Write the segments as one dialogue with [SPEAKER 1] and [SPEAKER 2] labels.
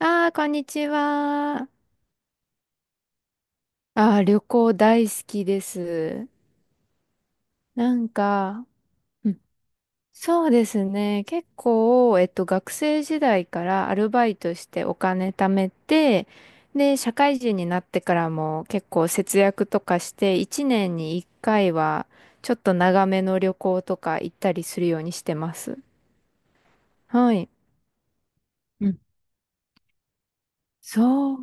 [SPEAKER 1] ああ、こんにちは。ああ、旅行大好きです。なんか、うんそうですね。結構、学生時代からアルバイトしてお金貯めて、で、社会人になってからも結構節約とかして、1年に1回は、ちょっと長めの旅行とか行ったりするようにしてます。はい。うんそう。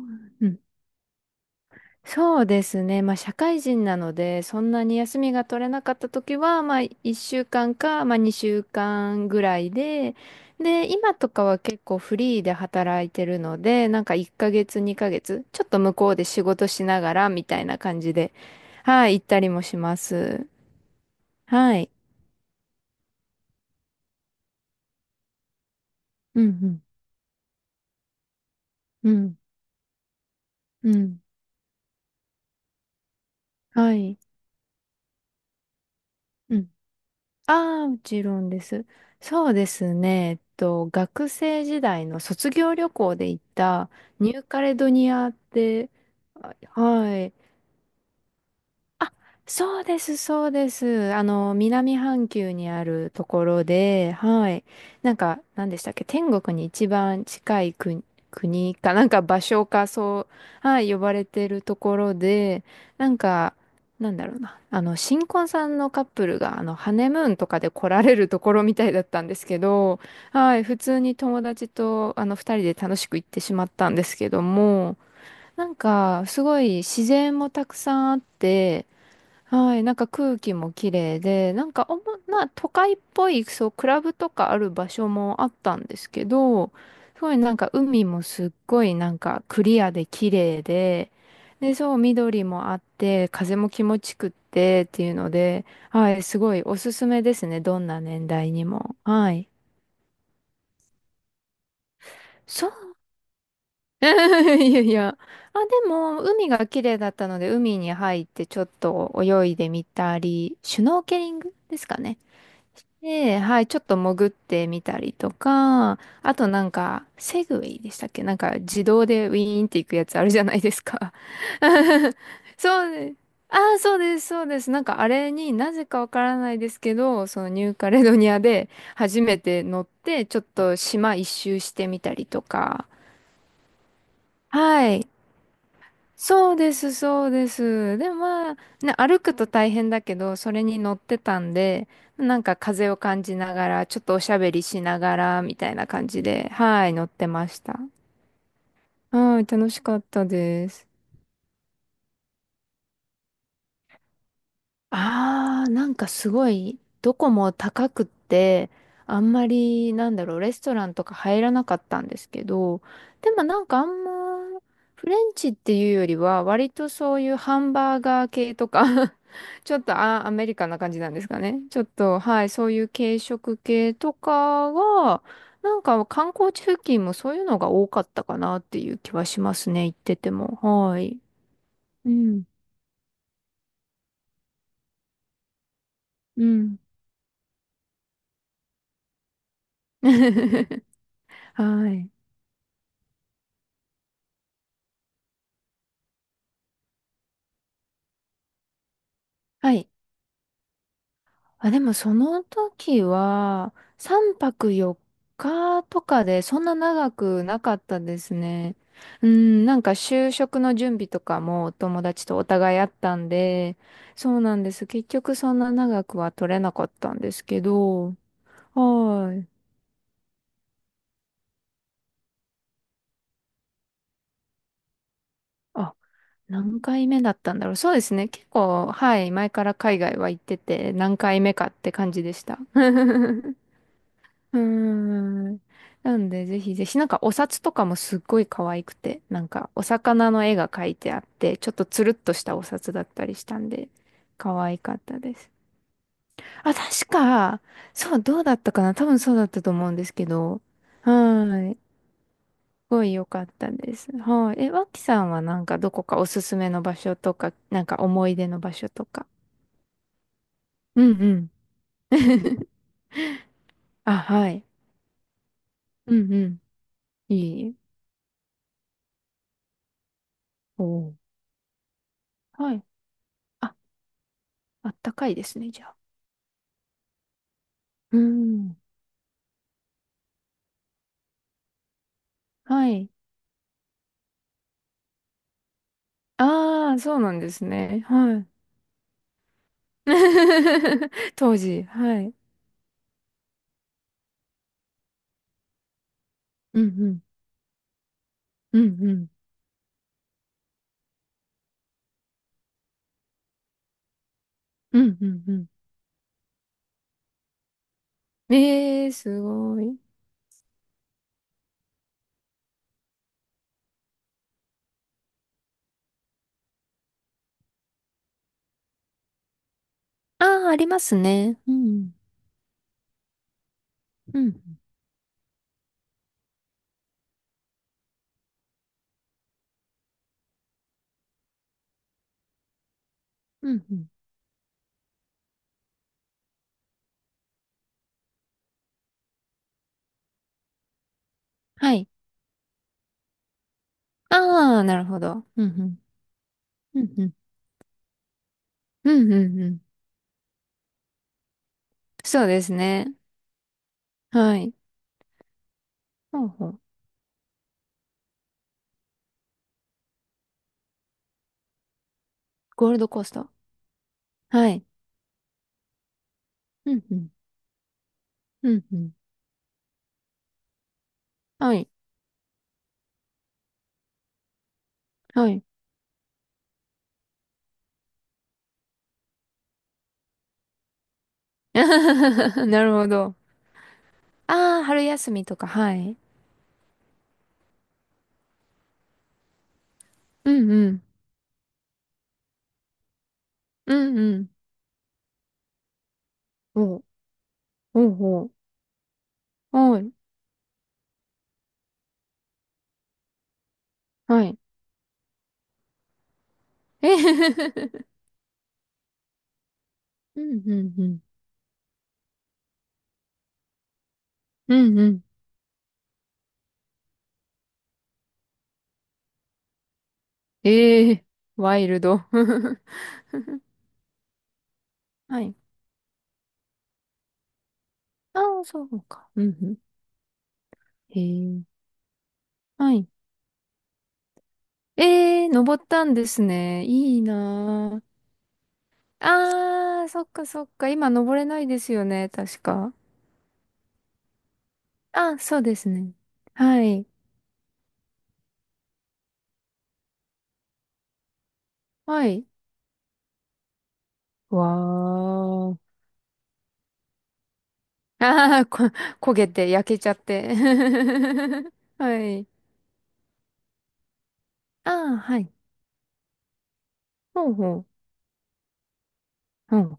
[SPEAKER 1] そうですね。まあ、社会人なので、そんなに休みが取れなかった時は、まあ、1週間かんか、まあ、2週間ぐらいで、で、今とかは結構フリーで働いてるので、なんか1ヶ月、2ヶ月、ちょっと向こうで仕事しながら、みたいな感じで、はい、行ったりもします。はい。うん、うん、うん、うん。はい。うんああ、もちろんです。そうですね。学生時代の卒業旅行で行ったニューカレドニアって、あはい。あそうです、そうです。南半球にあるところで、はい。なんか、何でしたっけ、天国に一番近い国、国か、なんか場所か、そう、はい、呼ばれてるところで、なんか、なんだろうな、新婚さんのカップルが、ハネムーンとかで来られるところみたいだったんですけど、はい、普通に友達と、二人で楽しく行ってしまったんですけども、なんか、すごい自然もたくさんあって、はい、なんか空気も綺麗で、なんかおもな都会っぽい、そう、クラブとかある場所もあったんですけど、すごいなんか海もすっごいなんかクリアで綺麗で、で、そう、緑もあって、風も気持ちくってっていうので、はい、すごいおすすめですね、どんな年代にも。はい。そう、いやいや。あ、でも、海が綺麗だったので、海に入ってちょっと泳いでみたり、シュノーケリングですかね。で、はい、ちょっと潜ってみたりとか、あとなんか、セグウェイでしたっけなんか自動でウィーンっていくやつあるじゃないですか。そうです。ああ、そうです、そうです。なんかあれになぜかわからないですけど、そのニューカレドニアで初めて乗って、ちょっと島一周してみたりとか。はい。そうです、そうです。でもまあ、ね、歩くと大変だけど、それに乗ってたんで、なんか風を感じながら、ちょっとおしゃべりしながら、みたいな感じで、はい、乗ってました。はい、楽しかったです。ああ、なんかすごい、どこも高くって、あんまり、なんだろう、レストランとか入らなかったんですけど、でもなんかあんま、フレンチっていうよりは、割とそういうハンバーガー系とか ちょっとあ、アメリカンな感じなんですかね。ちょっと、はい、そういう軽食系とかが、なんか観光地付近もそういうのが多かったかなっていう気はしますね、行ってても。はい。うん、うん。はい。はい。あ、でもその時は、3泊4日とかで、そんな長くなかったですね。うん、なんか就職の準備とかもお友達とお互いあったんで、そうなんです。結局そんな長くは取れなかったんですけど、はい。あ、何回目だったんだろう。そうですね。結構、はい。前から海外は行ってて、何回目かって感じでした。うーん。なんで、ぜひぜひ、なんかお札とかもすっごい可愛くて、なんかお魚の絵が描いてあって、ちょっとつるっとしたお札だったりしたんで、可愛かったです。あ、確か、そう、どうだったかな多分そうだったと思うんですけど、はーい。すごい良かったです。はい。え、わさんはなんかどこかおすすめの場所とか、なんか思い出の場所とか。うんうん。あ、はい。うんうん。いい。おーはい。ああったかいですね、じゃあ。うん。はい。ああ、そうなんですね。はい。当時、はい。うんうん。うんうん。うんうんうん。ええ、すごい。ああ、ありますね。うん。うん。うん。うんはい。ああ、なるほど。うんうん。うんうん。うんうんうん。そうですね。はい。ほうほう。ゴールドコースト。はい。うんうん。うんうん。はい。はい。なるほど。ああ、春休みとか、はい。うんうんうんうん。おう、おうおう。はい、はい。えへへへへ。うんうんうん。うんうん。ええワイルド。はい。ああ、そうか。うんうん。ええはい。ええ登ったんですね。いいなあ。ああ、そっかそっか。今登れないですよね、確か。ああ、そうですね。はい。はい。わー。ああ、焦げて、焼けちゃって。はい。ああ、はい。ほうほう。うん。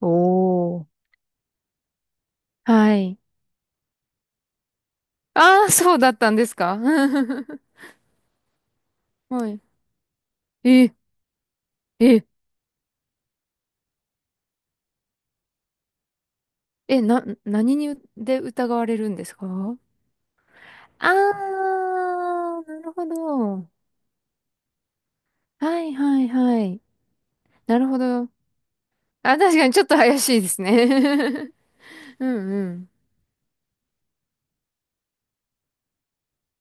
[SPEAKER 1] おー。はい。ああ、そうだったんですか？ はい。え、え、何にで疑われるんですか？ああー、なるほど。はいはいはい。なるほど。あ、確かにちょっと怪しいですね。 うんうん。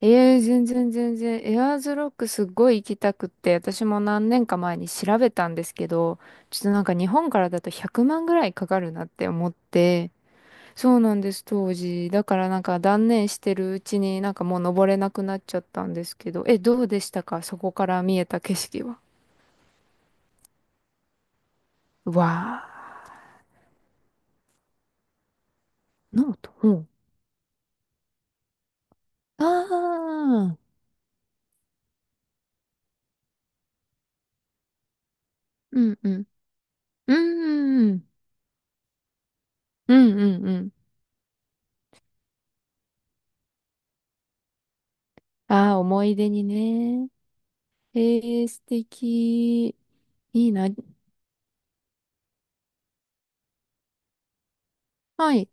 [SPEAKER 1] ええ全然全然。エアーズロックすっごい行きたくって、私も何年か前に調べたんですけど、ちょっとなんか日本からだと100万ぐらいかかるなって思って、そうなんです、当時。だからなんか断念してるうちになんかもう登れなくなっちゃったんですけど、え、どうでしたかそこから見えた景色は？うわーノート。うん。ああ、うんうん。うんうん。うんうんうん。ああ、思い出にね。ええ素敵。いいな。はい。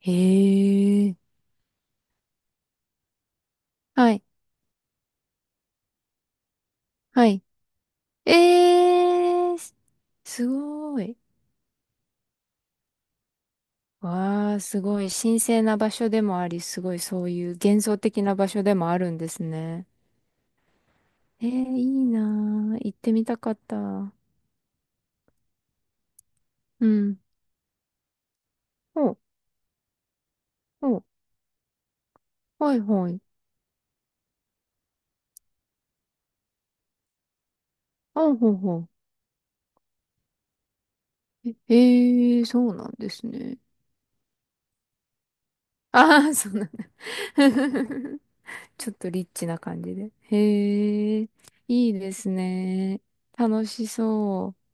[SPEAKER 1] へえ。はい。はい。えー、すすごい。わあ、すごい。神聖な場所でもあり、すごいそういう幻想的な場所でもあるんですね。えー、いいなあ。行ってみたかった。うん。ほう、ほう。はい、はい。あ、ほう、ほう。え、ええそうなんですね。ああ、そうなんだ。ちょっとリッチな感じで。へえ、いいですね。楽しそう。